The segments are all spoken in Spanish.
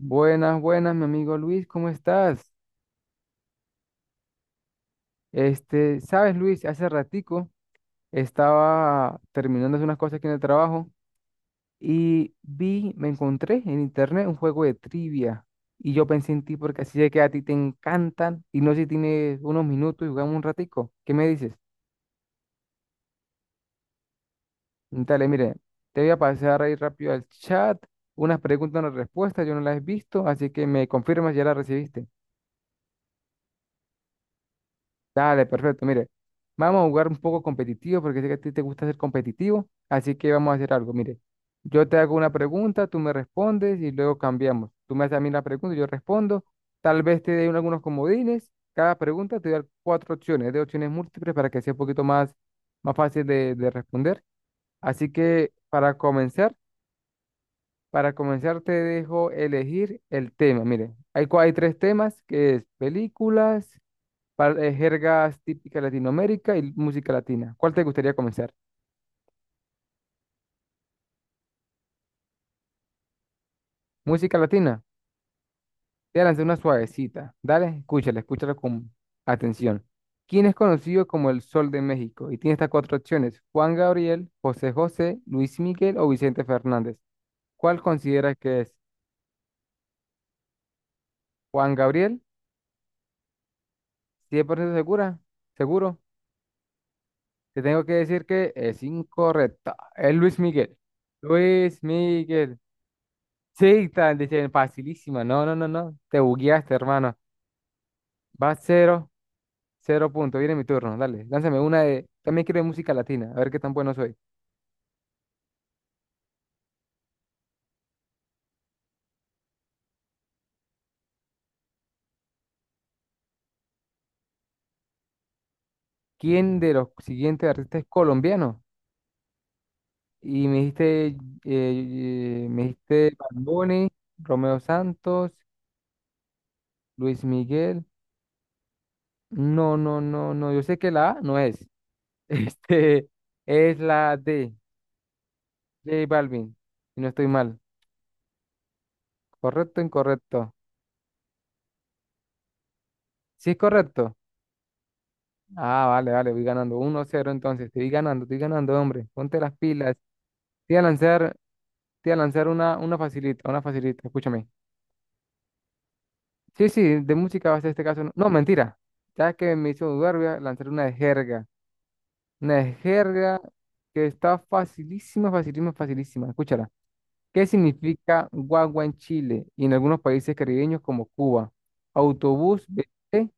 Buenas, buenas, mi amigo Luis, ¿cómo estás? Este, sabes, Luis, hace ratico estaba terminando de hacer unas cosas aquí en el trabajo y me encontré en internet un juego de trivia y yo pensé en ti porque así sé que a ti te encantan y no sé si tienes unos minutos y jugamos un ratico. ¿Qué me dices? Dale, mire, te voy a pasar ahí rápido al chat unas preguntas, unas respuestas, yo no las he visto, así que me confirmas, ya las recibiste. Dale, perfecto. Mire, vamos a jugar un poco competitivo porque sé que a ti te gusta ser competitivo, así que vamos a hacer algo. Mire, yo te hago una pregunta, tú me respondes y luego cambiamos. Tú me haces a mí la pregunta y yo respondo. Tal vez te dé algunos comodines. Cada pregunta te da cuatro opciones, de opciones múltiples para que sea un poquito más fácil de responder. Así que para comenzar te dejo elegir el tema. Mire, hay tres temas que es películas jergas típicas de Latinoamérica y música latina. ¿Cuál te gustaría comenzar? Música latina. Te voy a una suavecita. Dale, escúchala, escúchala con atención. ¿Quién es conocido como el Sol de México? Y tiene estas cuatro opciones: Juan Gabriel, José José, Luis Miguel o Vicente Fernández. ¿Cuál consideras que es? Juan Gabriel, 100% segura, seguro. Te tengo que decir que es incorrecta. Es Luis Miguel. Luis Miguel. Sí, tal, dice, facilísima. No, no, no, no. Te bugueaste, hermano. Va cero, cero punto. Viene mi turno. Dale, lánzame una de. También quiero de música latina. A ver qué tan bueno soy. ¿Quién de los siguientes artistas es colombiano? Y me dijiste, Bad Bunny, Romeo Santos, Luis Miguel. No, no, no, no. Yo sé que la A no es. Este es la D, J Balvin. Si no estoy mal. ¿Correcto o incorrecto? Sí, es correcto. Ah, vale, vale, voy ganando 1 cero, entonces, estoy ganando, hombre, ponte las pilas. Te voy a lanzar, te voy a lanzar una facilita, una facilita, escúchame. Sí, sí, de música va a ser este caso. No, no, mentira, ya que me hizo dudar, voy a lanzar una de jerga que está facilísima, facilísima, facilísima, escúchala. ¿Qué significa guagua en Chile y en algunos países caribeños como Cuba? Autobús, bebé,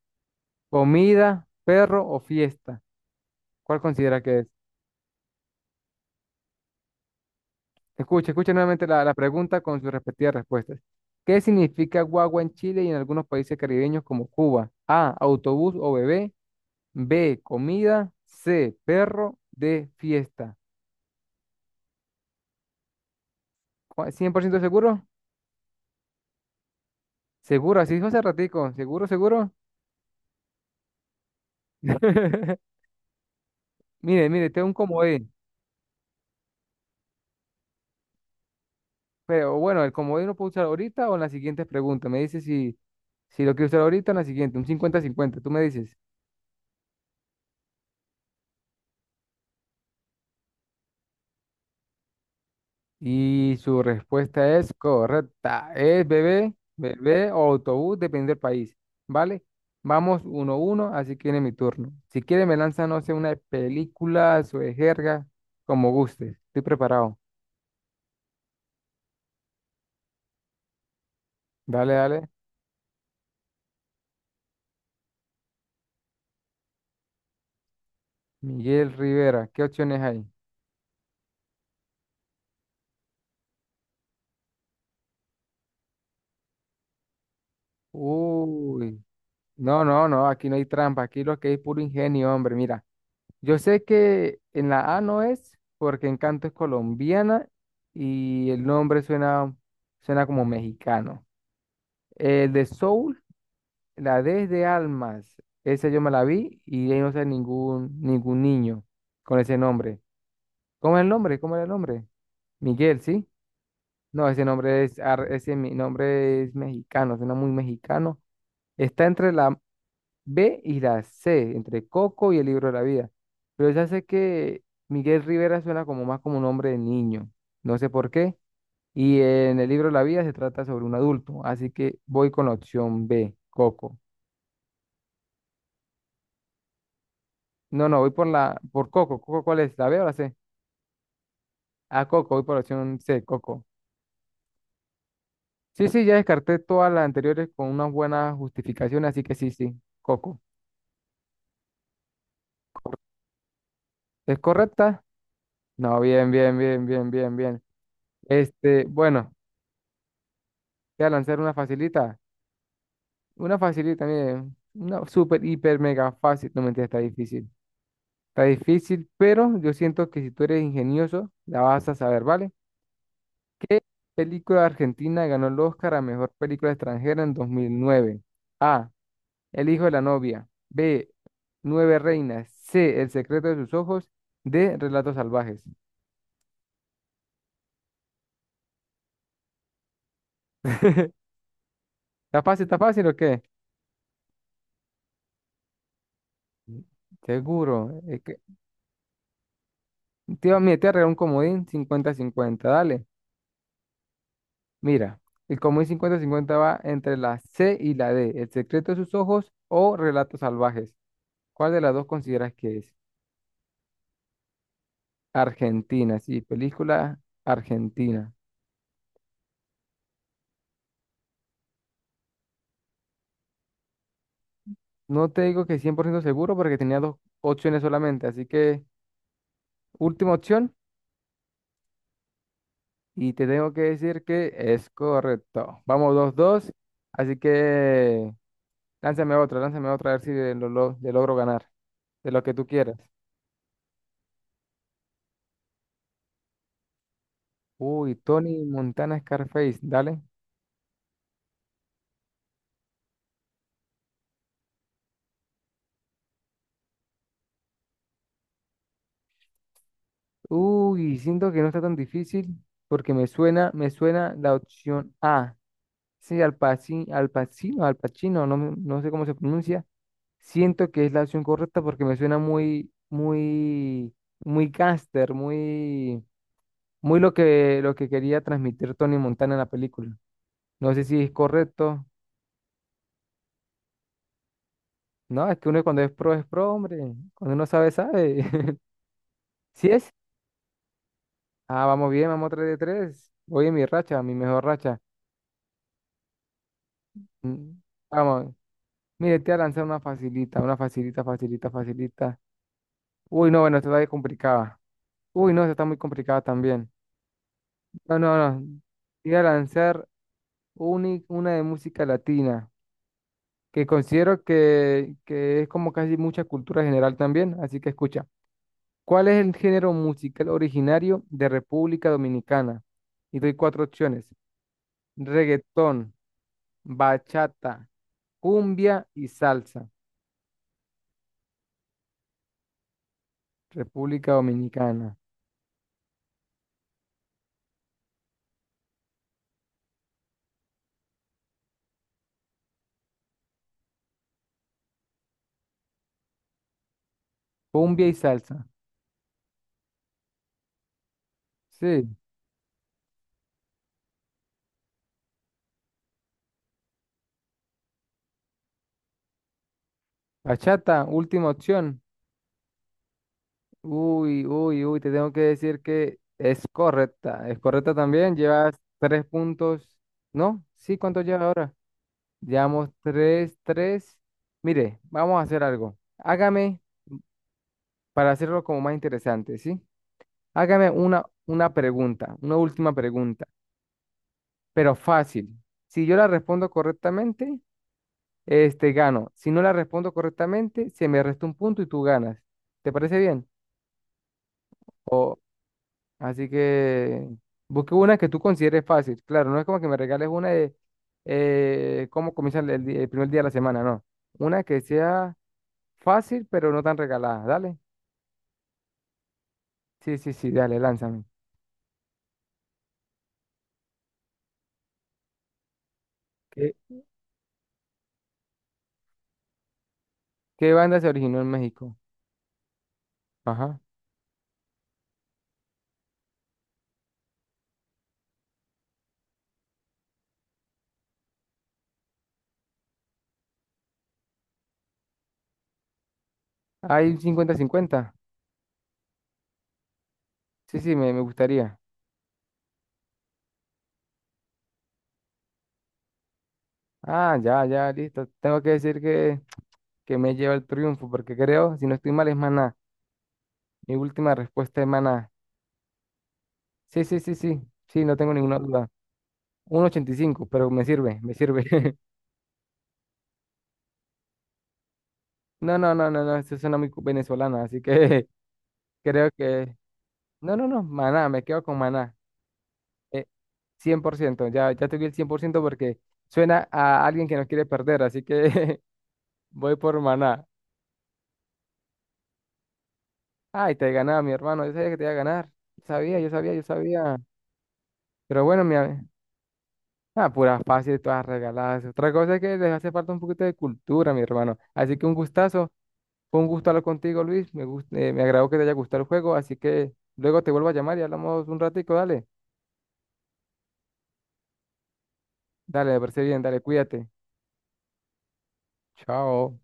comida, perro o fiesta. ¿Cuál considera que es? Escuche, escuche nuevamente la pregunta con sus respectivas respuestas. ¿Qué significa guagua en Chile y en algunos países caribeños como Cuba? A, autobús o bebé. B, comida. C, perro. D, fiesta. ¿cien por ciento seguro? Seguro, así dijo hace ratico. ¿Seguro, seguro? Mire, mire, tengo un comodín. Pero bueno, el comodín lo puedo usar ahorita o en las siguientes preguntas. Me dice si si lo quiero usar ahorita o en la siguiente, un 50-50. Tú me dices. Y su respuesta es correcta. Es bebé, bebé o autobús, depende del país. ¿Vale? Vamos uno a uno, así que viene mi turno. Si quiere, me lanza, no sé, una película o de jerga, como guste. Estoy preparado. Dale, dale. Miguel Rivera, ¿qué opciones hay? Uy. No, no, no, aquí no hay trampa. Aquí lo que hay es puro ingenio, hombre. Mira. Yo sé que en la A no es, porque Encanto es colombiana y el nombre suena, suena como mexicano. El de Soul, la D es de Almas. Esa yo me la vi y ahí no sé ningún niño con ese nombre. ¿Cómo es el nombre? ¿Cómo era el nombre? Miguel, ¿sí? No, ese nombre ese mi nombre es mexicano, suena muy mexicano. Está entre la B y la C, entre Coco y el libro de la vida. Pero ya sé que Miguel Rivera suena como más como un hombre de niño, no sé por qué. Y en el libro de la vida se trata sobre un adulto, así que voy con la opción B, Coco. No, no, voy por Coco. ¿Coco cuál es? ¿La B o la C? Ah, Coco, voy por la opción C, Coco. Sí, sí, ya descarté todas las anteriores con una buena justificación, así que sí, sí, Coco. ¿Es correcta? No, bien, bien, bien, bien, bien, bien. Este, bueno, voy a lanzar una facilita. Una facilita también, una super, hiper, mega fácil. No mentira, está difícil. Está difícil, pero yo siento que si tú eres ingenioso, la vas a saber, ¿vale? ¿Qué película argentina ganó el Oscar a mejor película extranjera en 2009? A. El hijo de la novia. B. Nueve reinas. C. El secreto de sus ojos. D. Relatos salvajes. Está fácil o qué? Seguro. Es que... Mira, te voy a regalar un comodín 50-50. Dale. Mira, el común cincuenta 50 va entre la C y la D, El secreto de sus ojos o Relatos salvajes. ¿Cuál de las dos consideras que es? Argentina, sí, película argentina. No te digo que 100% seguro porque tenía dos opciones solamente, así que última opción y te tengo que decir que es correcto. Vamos dos-dos, así que lánzame otra a ver si le logro ganar, de lo que tú quieras. Uy, Tony Montana Scarface, dale. Uy, siento que no está tan difícil porque me suena la opción A. Sí, Al Pacino, Al Pacino, Al Pacino, no, no sé cómo se pronuncia. Siento que es la opción correcta porque me suena muy, muy, muy gángster, muy, muy lo que quería transmitir Tony Montana en la película. No sé si es correcto. No, es que uno cuando es pro, hombre. Cuando uno sabe, sabe. ¿Sí es? Ah, vamos bien, vamos 3 de tres. Voy en mi racha, mi mejor racha. Mm, Vamos. Mire, te voy a lanzar una facilita, facilita, facilita. Uy, no, bueno, esta está bien complicada. Uy, no, esta está muy complicada también. No, no, no. Te voy a lanzar una de música latina, que considero que es como casi mucha cultura general también, así que escucha. ¿Cuál es el género musical originario de República Dominicana? Y doy cuatro opciones. Reggaetón, bachata, cumbia y salsa. República Dominicana. Cumbia y salsa. Sí. Bachata, última opción. Uy, uy, uy, te tengo que decir que es correcta. Es correcta también. Llevas tres puntos. ¿No? Sí, ¿cuánto lleva ahora? Llevamos tres, tres. Mire, vamos a hacer algo. Hágame, para hacerlo como más interesante, ¿sí? Hágame una pregunta, una última pregunta, pero fácil. Si yo la respondo correctamente, este gano. Si no la respondo correctamente, se me resta un punto y tú ganas. ¿Te parece bien? Así que busque una que tú consideres fácil. Claro, no es como que me regales una de cómo comienza el primer día de la semana, no. Una que sea fácil, pero no tan regalada. Dale. Sí, sí, sí, dale, lánzame. ¿Qué, qué banda se originó en México? Ajá. ¿Hay un cincuenta 50? Sí, sí, me gustaría. Ah, ya, ya, listo. Tengo que decir que me lleva el triunfo, porque creo, si no estoy mal, es Maná. Mi última respuesta es Maná. Sí, sí, sí, sí. Sí, no tengo ninguna duda. Un 85, pero me sirve, me sirve. No, no, no, no, no, eso suena muy venezolana, así que creo que. No, no, no, maná, me quedo con maná. Eh, 100% ya, ya te di el 100% porque suena a alguien que no quiere perder, así que voy por maná. Ay, te ganaba mi hermano, yo sabía que te iba a ganar. Sabía, yo sabía, yo sabía. Pero bueno, Ah, puras fáciles, todas regaladas. Otra cosa es que les hace falta un poquito de cultura, mi hermano. Así que un gustazo. Fue un gusto hablar contigo, Luis. Me agradó que te haya gustado el juego, así que luego te vuelvo a llamar y hablamos un ratico, dale. Dale, me parece bien, dale, cuídate. Chao.